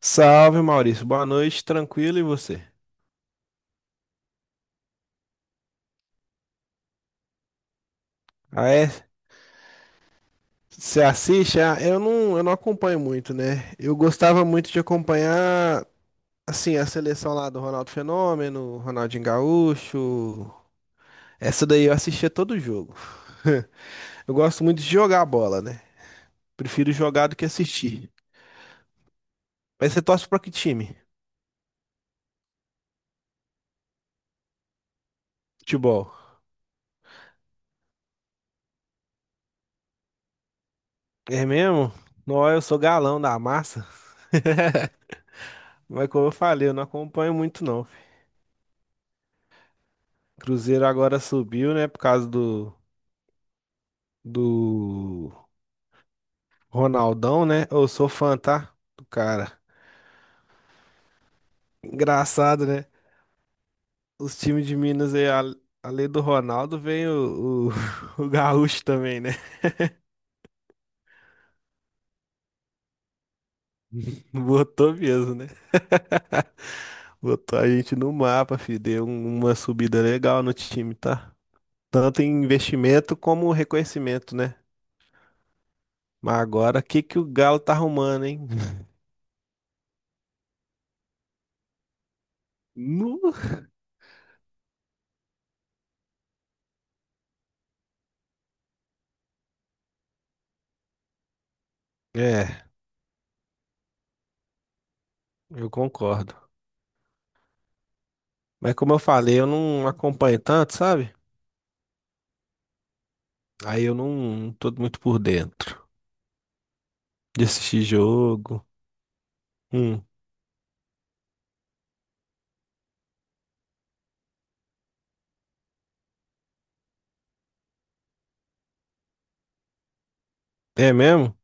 Salve, Maurício. Boa noite, tranquilo e você? Ah, é? Você assiste? Ah, eu não acompanho muito, né? Eu gostava muito de acompanhar, assim, a seleção lá do Ronaldo Fenômeno, Ronaldinho Gaúcho. Essa daí eu assistia todo jogo. Eu gosto muito de jogar bola, né? Prefiro jogar do que assistir. Mas você torce pra que time? Futebol. É mesmo? Não, eu sou galão da massa. Mas como eu falei, eu não acompanho muito, não. Cruzeiro agora subiu, né? Por causa do, do Ronaldão, né? Eu sou fã, tá? Do cara. Engraçado, né? Os times de Minas aí, além do Ronaldo, vem o, o Gaúcho também, né? Botou mesmo, né? Botou a gente no mapa, filho. Deu uma subida legal no time, tá? Tanto em investimento como reconhecimento, né? Mas agora, o que que o Galo tá arrumando, hein? Nu. É, eu concordo. Mas como eu falei, eu não acompanho tanto, sabe? Aí eu não, não tô muito por dentro de assistir jogo. Hum, é mesmo?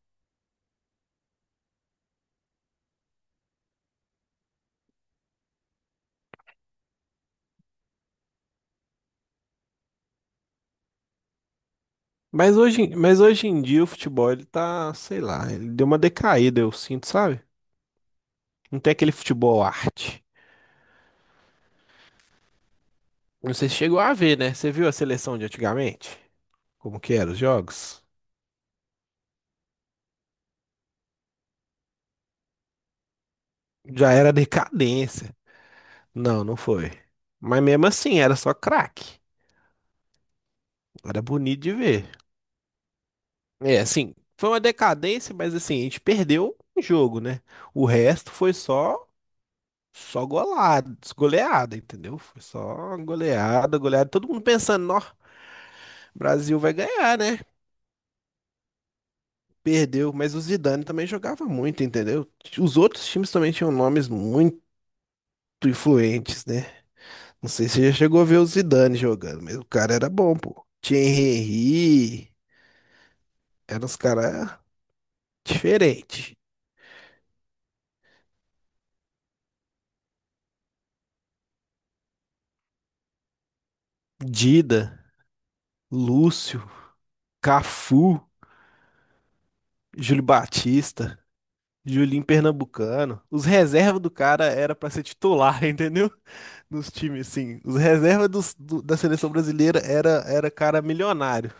Mas hoje, mas hoje em dia o futebol, ele tá, sei lá, ele deu uma decaída, eu sinto, sabe? Não tem aquele futebol arte. Não sei se chegou a ver, né? Você viu a seleção de antigamente? Como que eram os jogos? Já era decadência. Não, não foi. Mas mesmo assim, era só craque. Era bonito de ver. É, assim, foi uma decadência, mas assim, a gente perdeu um jogo, né? O resto foi só golada, goleada, entendeu? Foi só goleada, goleada. Todo mundo pensando, ó, Brasil vai ganhar, né? Perdeu, mas o Zidane também jogava muito, entendeu? Os outros times também tinham nomes muito influentes, né? Não sei se você já chegou a ver o Zidane jogando, mas o cara era bom, pô. Thierry Henry, eram os caras diferentes. Dida, Lúcio, Cafu. Júlio Batista, Julinho Pernambucano. Os reservas do cara era pra ser titular, entendeu? Nos times, sim. Os reservas da seleção brasileira era, era cara milionário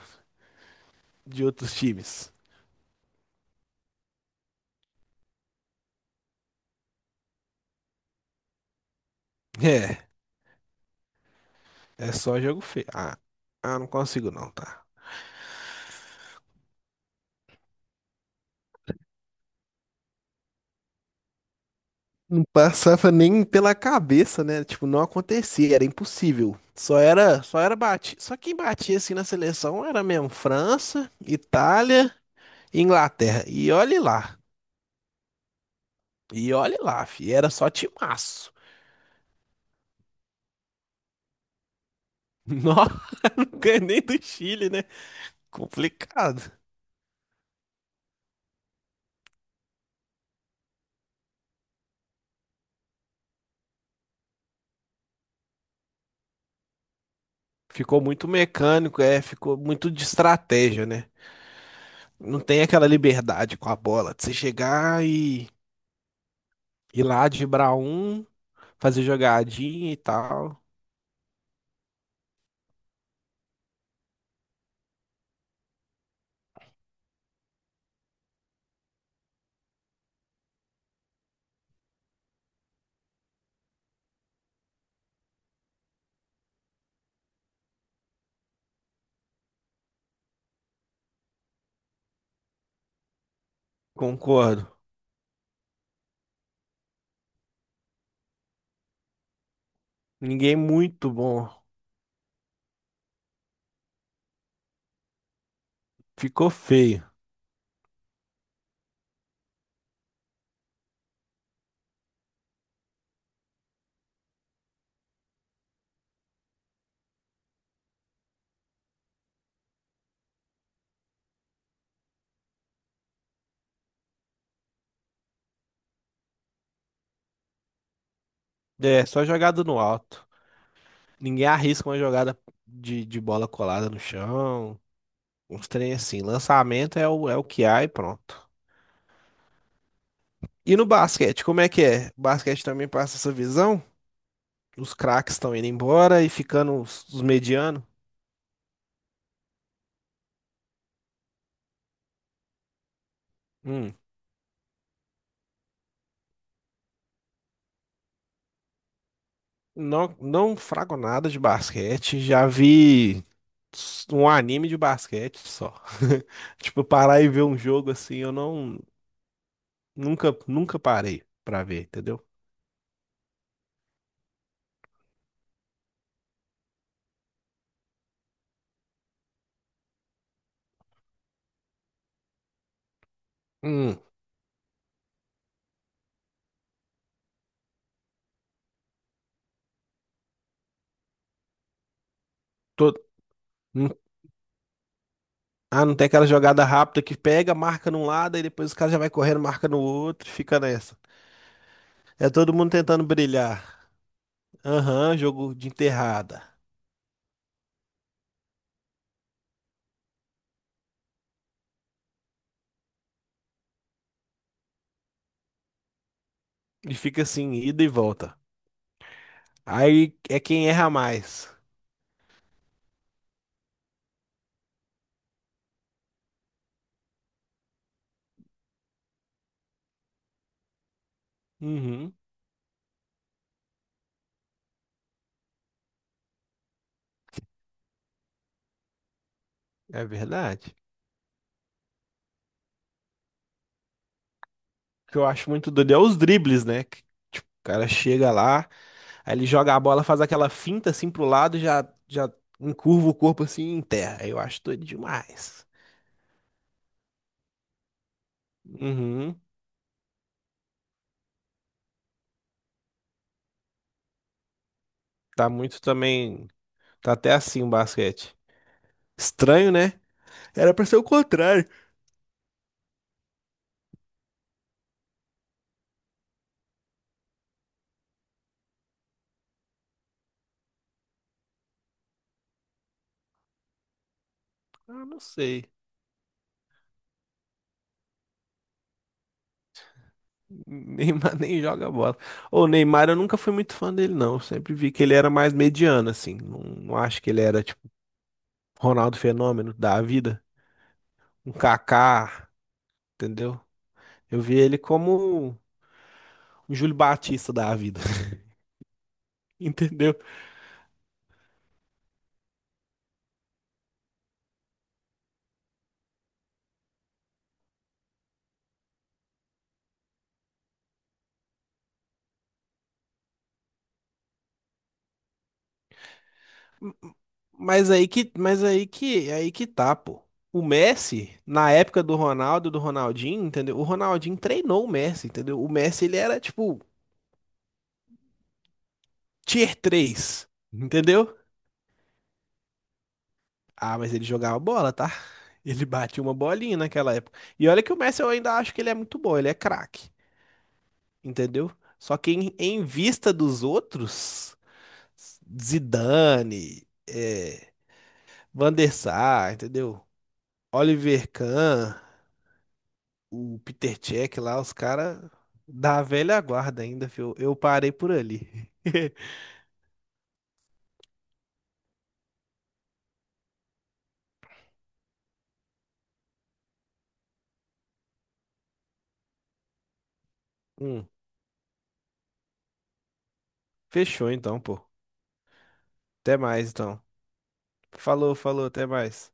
de outros times. É, é só jogo feio. Ah, ah, não consigo não, tá? Não passava nem pela cabeça, né? Tipo, não acontecia, era impossível. Só quem batia assim na seleção era mesmo França, Itália, e Inglaterra. E olhe lá. E olha lá, fi, era só timaço. Nossa, não ganhei nem do Chile, né? Complicado. Ficou muito mecânico, é, ficou muito de estratégia, né? Não tem aquela liberdade com a bola de você chegar e ir lá driblar um, fazer jogadinha e tal. Concordo. Ninguém é muito bom. Ficou feio. É, só jogada no alto. Ninguém arrisca uma jogada de bola colada no chão. Uns trem assim. Lançamento é o, é o que há e pronto. E no basquete, como é que é? O basquete também passa essa visão? Os craques estão indo embora e ficando os medianos? Hum, não, não frago nada de basquete, já vi um anime de basquete só. Tipo, parar e ver um jogo assim, eu não nunca parei pra ver, entendeu? Hum, tô- hum, ah, não tem aquela jogada rápida que pega, marca num lado e depois o cara já vai correndo, marca no outro, e fica nessa. É todo mundo tentando brilhar. Aham, jogo de enterrada. E fica assim, ida e volta. Aí é quem erra mais. Uhum, é verdade. O que eu acho muito doido é os dribles, né? Que, tipo, o cara chega lá, aí ele joga a bola, faz aquela finta assim pro lado, já encurva o corpo assim e enterra. Eu acho doido demais. Uhum, tá muito também. Tá até assim o basquete. Estranho, né? Era pra ser o contrário. Ah, não sei. Neymar nem joga bola. O Neymar eu nunca fui muito fã dele, não. Eu sempre vi que ele era mais mediano, assim. Não, não acho que ele era, tipo, Ronaldo Fenômeno da vida. Um Kaká, entendeu? Eu vi ele como um Júlio Batista da vida, entendeu? Aí que tá, pô. O Messi, na época do Ronaldo, do Ronaldinho, entendeu? O Ronaldinho treinou o Messi, entendeu? O Messi, ele era, tipo, tier 3, entendeu? Ah, mas ele jogava bola, tá? Ele batia uma bolinha naquela época. E olha que o Messi eu ainda acho que ele é muito bom, ele é craque, entendeu? Só que em vista dos outros, Zidane, é, Van der Sar, entendeu? Oliver Kahn, o Peter Cech lá, os caras da velha guarda ainda, fio. Eu parei por ali. Hum, fechou então, pô. Até mais então. Falou, falou, até mais.